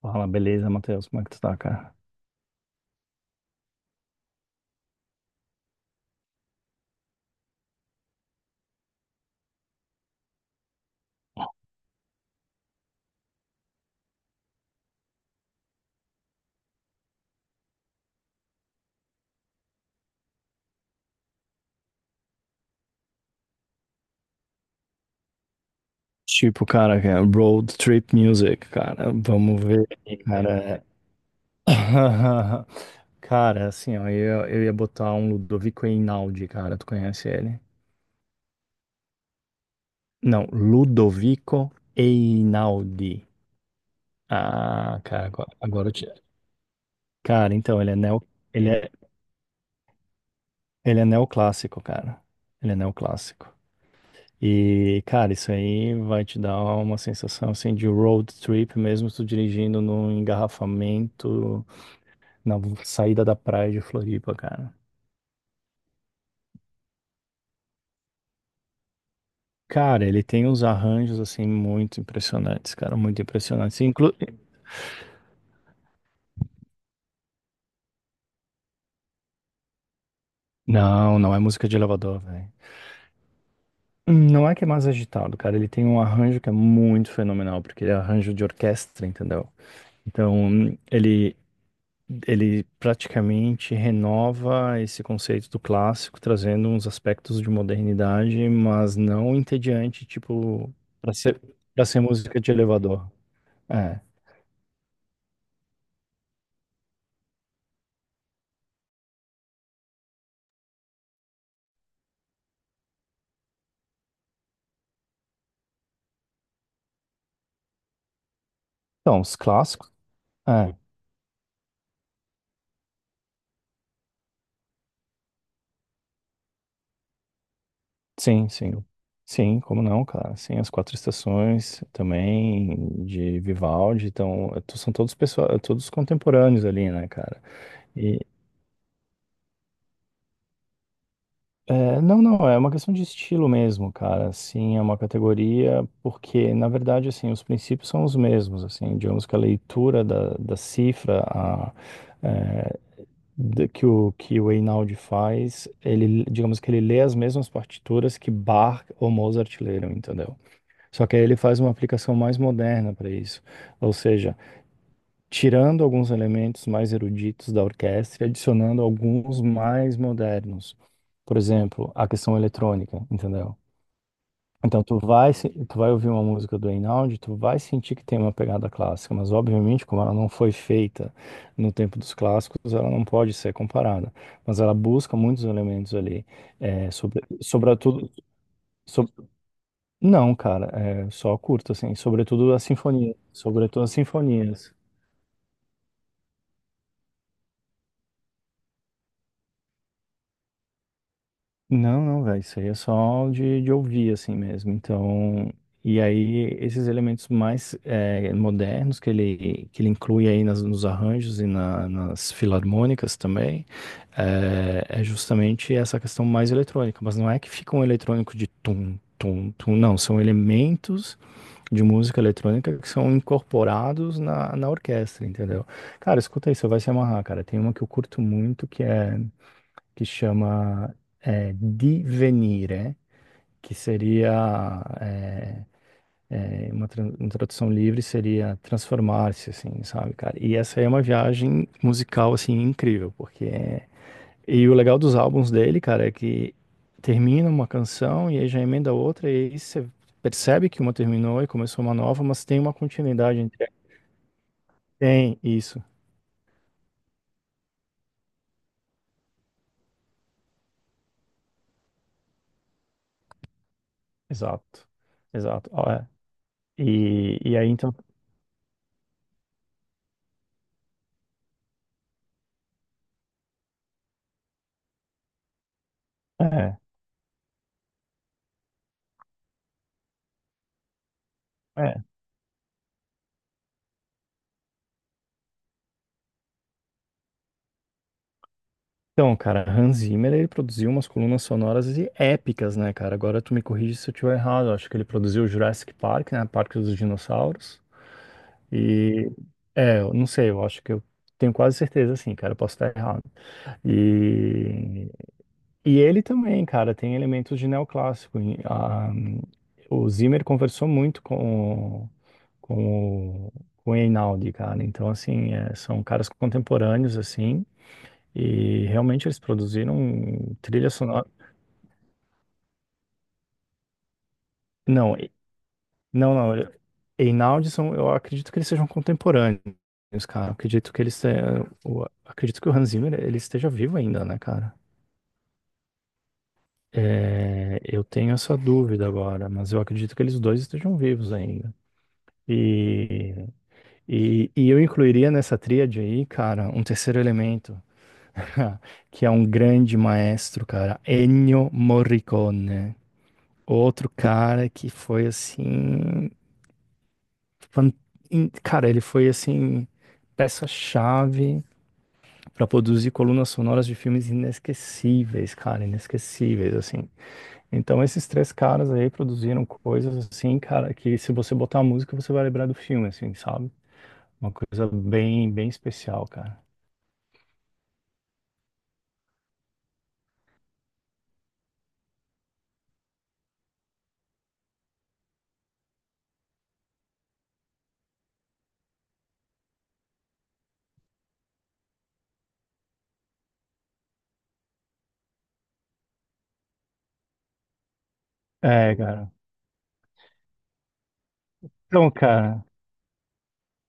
Fala, beleza, Matheus? Como é que tu tá, cara? Tipo, cara, que é road trip music, cara. Vamos ver aqui, cara. Cara, assim, ó, eu ia botar um Ludovico Einaudi, cara. Tu conhece ele? Não, Ludovico Einaudi. Ah, cara, agora eu te... Cara, então, ele é neo... ele é, ele é neoclássico, cara. Ele é neoclássico. E, cara, isso aí vai te dar uma sensação assim de road trip, mesmo tu dirigindo num engarrafamento na saída da praia de Floripa, cara. Cara, ele tem uns arranjos assim muito impressionantes, cara, muito impressionantes. Inclu... Não, não é música de elevador, velho. Não é que é mais agitado, cara. Ele tem um arranjo que é muito fenomenal, porque ele é arranjo de orquestra, entendeu? Então, ele praticamente renova esse conceito do clássico, trazendo uns aspectos de modernidade, mas não entediante, tipo, para ser, para ser música de elevador. É. Então, os clássicos. É, sim, sim. Sim, como não, cara? Sim, as quatro estações também, de Vivaldi, então, to- são todos pessoa, todos contemporâneos ali, né, cara? E, é, não, não, é uma questão de estilo mesmo, cara. Assim, é uma categoria, porque, na verdade, assim, os princípios são os mesmos, assim, digamos que a leitura da cifra a, é, da- que o Einaudi faz, ele, digamos que ele lê as mesmas partituras que Bach ou Mozart leram, entendeu? Só que aí ele faz uma aplicação mais moderna para isso. Ou seja, tirando alguns elementos mais eruditos da orquestra e adicionando alguns mais modernos. Por exemplo, a questão eletrônica, entendeu? Então tu vai, se- tu vai ouvir uma música do Einaudi, tu vai sentir que tem uma pegada clássica, mas obviamente como ela não foi feita no tempo dos clássicos, ela não pode ser comparada. Mas ela busca muitos elementos ali, sobretudo, sob- não, cara, é só curto assim, sobretudo a sinfonia, sobretudo as sinfonias. Não, não, velho, isso aí é só de ouvir, assim mesmo. Então, e aí esses elementos mais modernos que ele inclui aí nas- nos arranjos e na- nas filarmônicas também, justamente essa questão mais eletrônica. Mas não é que fica um eletrônico de tum, tum, tum, não. São elementos de música eletrônica que são incorporados na, na orquestra, entendeu? Cara, escuta aí, você vai se amarrar, cara. Tem uma que eu curto muito que é que chama Divenire, que seria é, uma tran- uma tradução livre seria transformar-se, assim, sabe, cara? E essa aí é uma viagem musical assim incrível, porque é, e o legal dos álbuns dele, cara, é que termina uma canção e aí já emenda outra e aí você percebe que uma terminou e começou uma nova, mas tem uma continuidade entre tem isso, exato, exato, ó, é. E aí então é. É. Então, cara, Hans Zimmer, ele produziu umas colunas sonoras e épicas, né, cara? Agora tu me corrige se eu estiver errado. Eu acho que ele produziu Jurassic Park, né? Parque dos Dinossauros. E é, eu não sei, eu acho que eu tenho quase certeza, assim, cara, eu posso estar errado. E, e ele também, cara, tem elementos de neoclássico. E, ah, o Zimmer conversou muito com, o- com, o- com o Einaudi, cara. Então, assim, é, são caras contemporâneos, assim e realmente eles produziram trilha sonora. Não, e- não, não. Ele- Einaudi são, eu acredito que eles sejam contemporâneos, cara. Eu acredito que eles tenham, o- acredito que o Hans Zimmer ele esteja vivo ainda, né, cara? É, eu tenho essa dúvida agora, mas eu acredito que eles dois estejam vivos ainda. E, e eu incluiria nessa tríade aí, cara, um terceiro elemento, que é um grande maestro, cara, Ennio Morricone. Outro cara que foi assim, fan- in- cara, ele foi assim peça-chave para produzir colunas sonoras de filmes inesquecíveis, cara, inesquecíveis assim. Então esses três caras aí produziram coisas assim, cara, que se você botar a música você vai lembrar do filme, assim, sabe? Uma coisa bem, bem especial, cara. É, cara. Então, cara.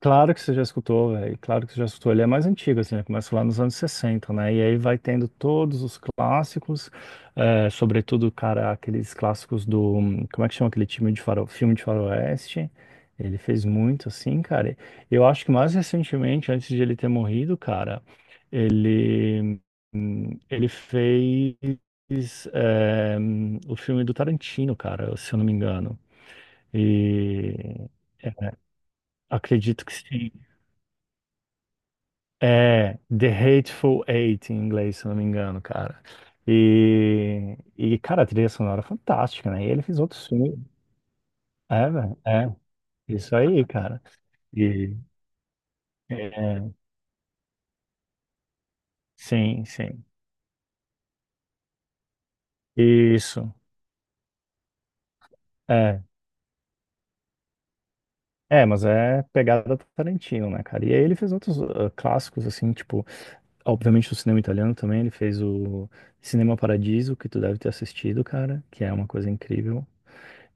Claro que você já escutou, velho. Claro que você já escutou. Ele é mais antigo, assim, né? Começa lá nos anos 60, né? E aí vai tendo todos os clássicos, sobretudo, cara, aqueles clássicos do. Como é que chama aquele time de faro... filme de faroeste? Ele fez muito, assim, cara. Eu acho que mais recentemente, antes de ele ter morrido, cara, ele. Ele fez. O filme do Tarantino, cara, se eu não me engano. E. é, acredito que sim. É, The Hateful Eight em inglês, se não me engano, cara. E cara, a trilha sonora é fantástica, né? E ele fez outros filmes. É, velho, é. Isso aí, cara. E, é, sim, sim. Isso. É. É, mas é pegada Tarantino, né, cara? E aí ele fez outros clássicos, assim, tipo, obviamente do cinema italiano também, ele fez o Cinema Paradiso, que tu deve ter assistido, cara, que é uma coisa incrível.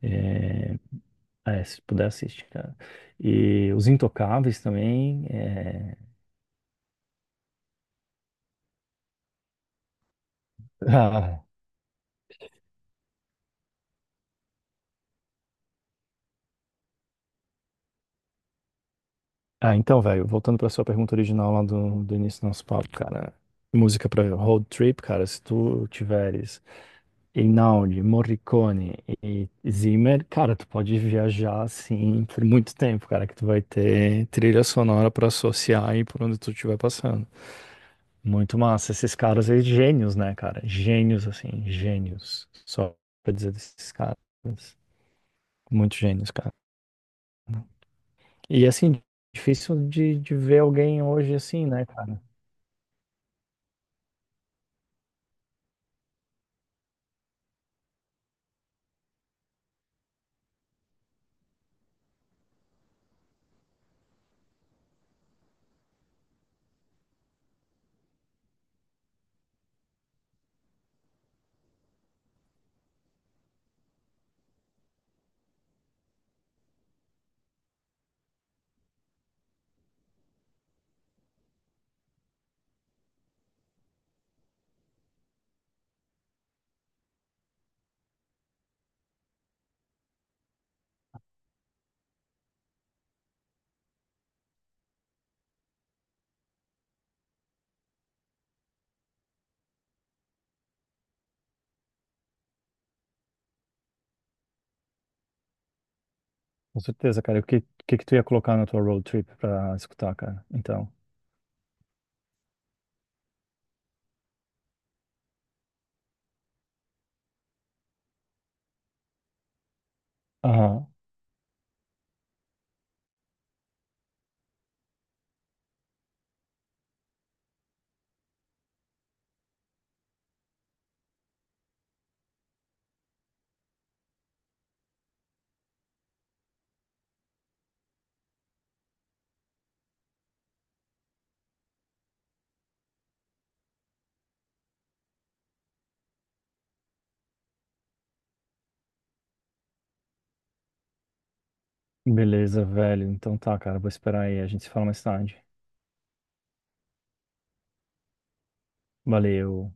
É, é, se puder assistir, cara. E Os Intocáveis também. É. Ah, ah, então, velho, voltando pra sua pergunta original lá do, do início do nosso papo, cara. Música pra road trip, cara, se tu tiveres Einaudi, Morricone e Zimmer, cara, tu pode viajar assim por muito tempo, cara, que tu vai ter trilha sonora pra associar aí por onde tu estiver passando. Muito massa. Esses caras aí, gênios, né, cara? Gênios, assim, gênios. Só pra dizer desses caras. Muito gênios, cara. E, assim, difícil de ver alguém hoje assim, né, cara? Com certeza, cara. O que, que tu ia colocar na tua road trip pra escutar, cara? Então. Aham. Beleza, velho. Então tá, cara. Vou esperar aí. A gente se fala mais tarde. Valeu.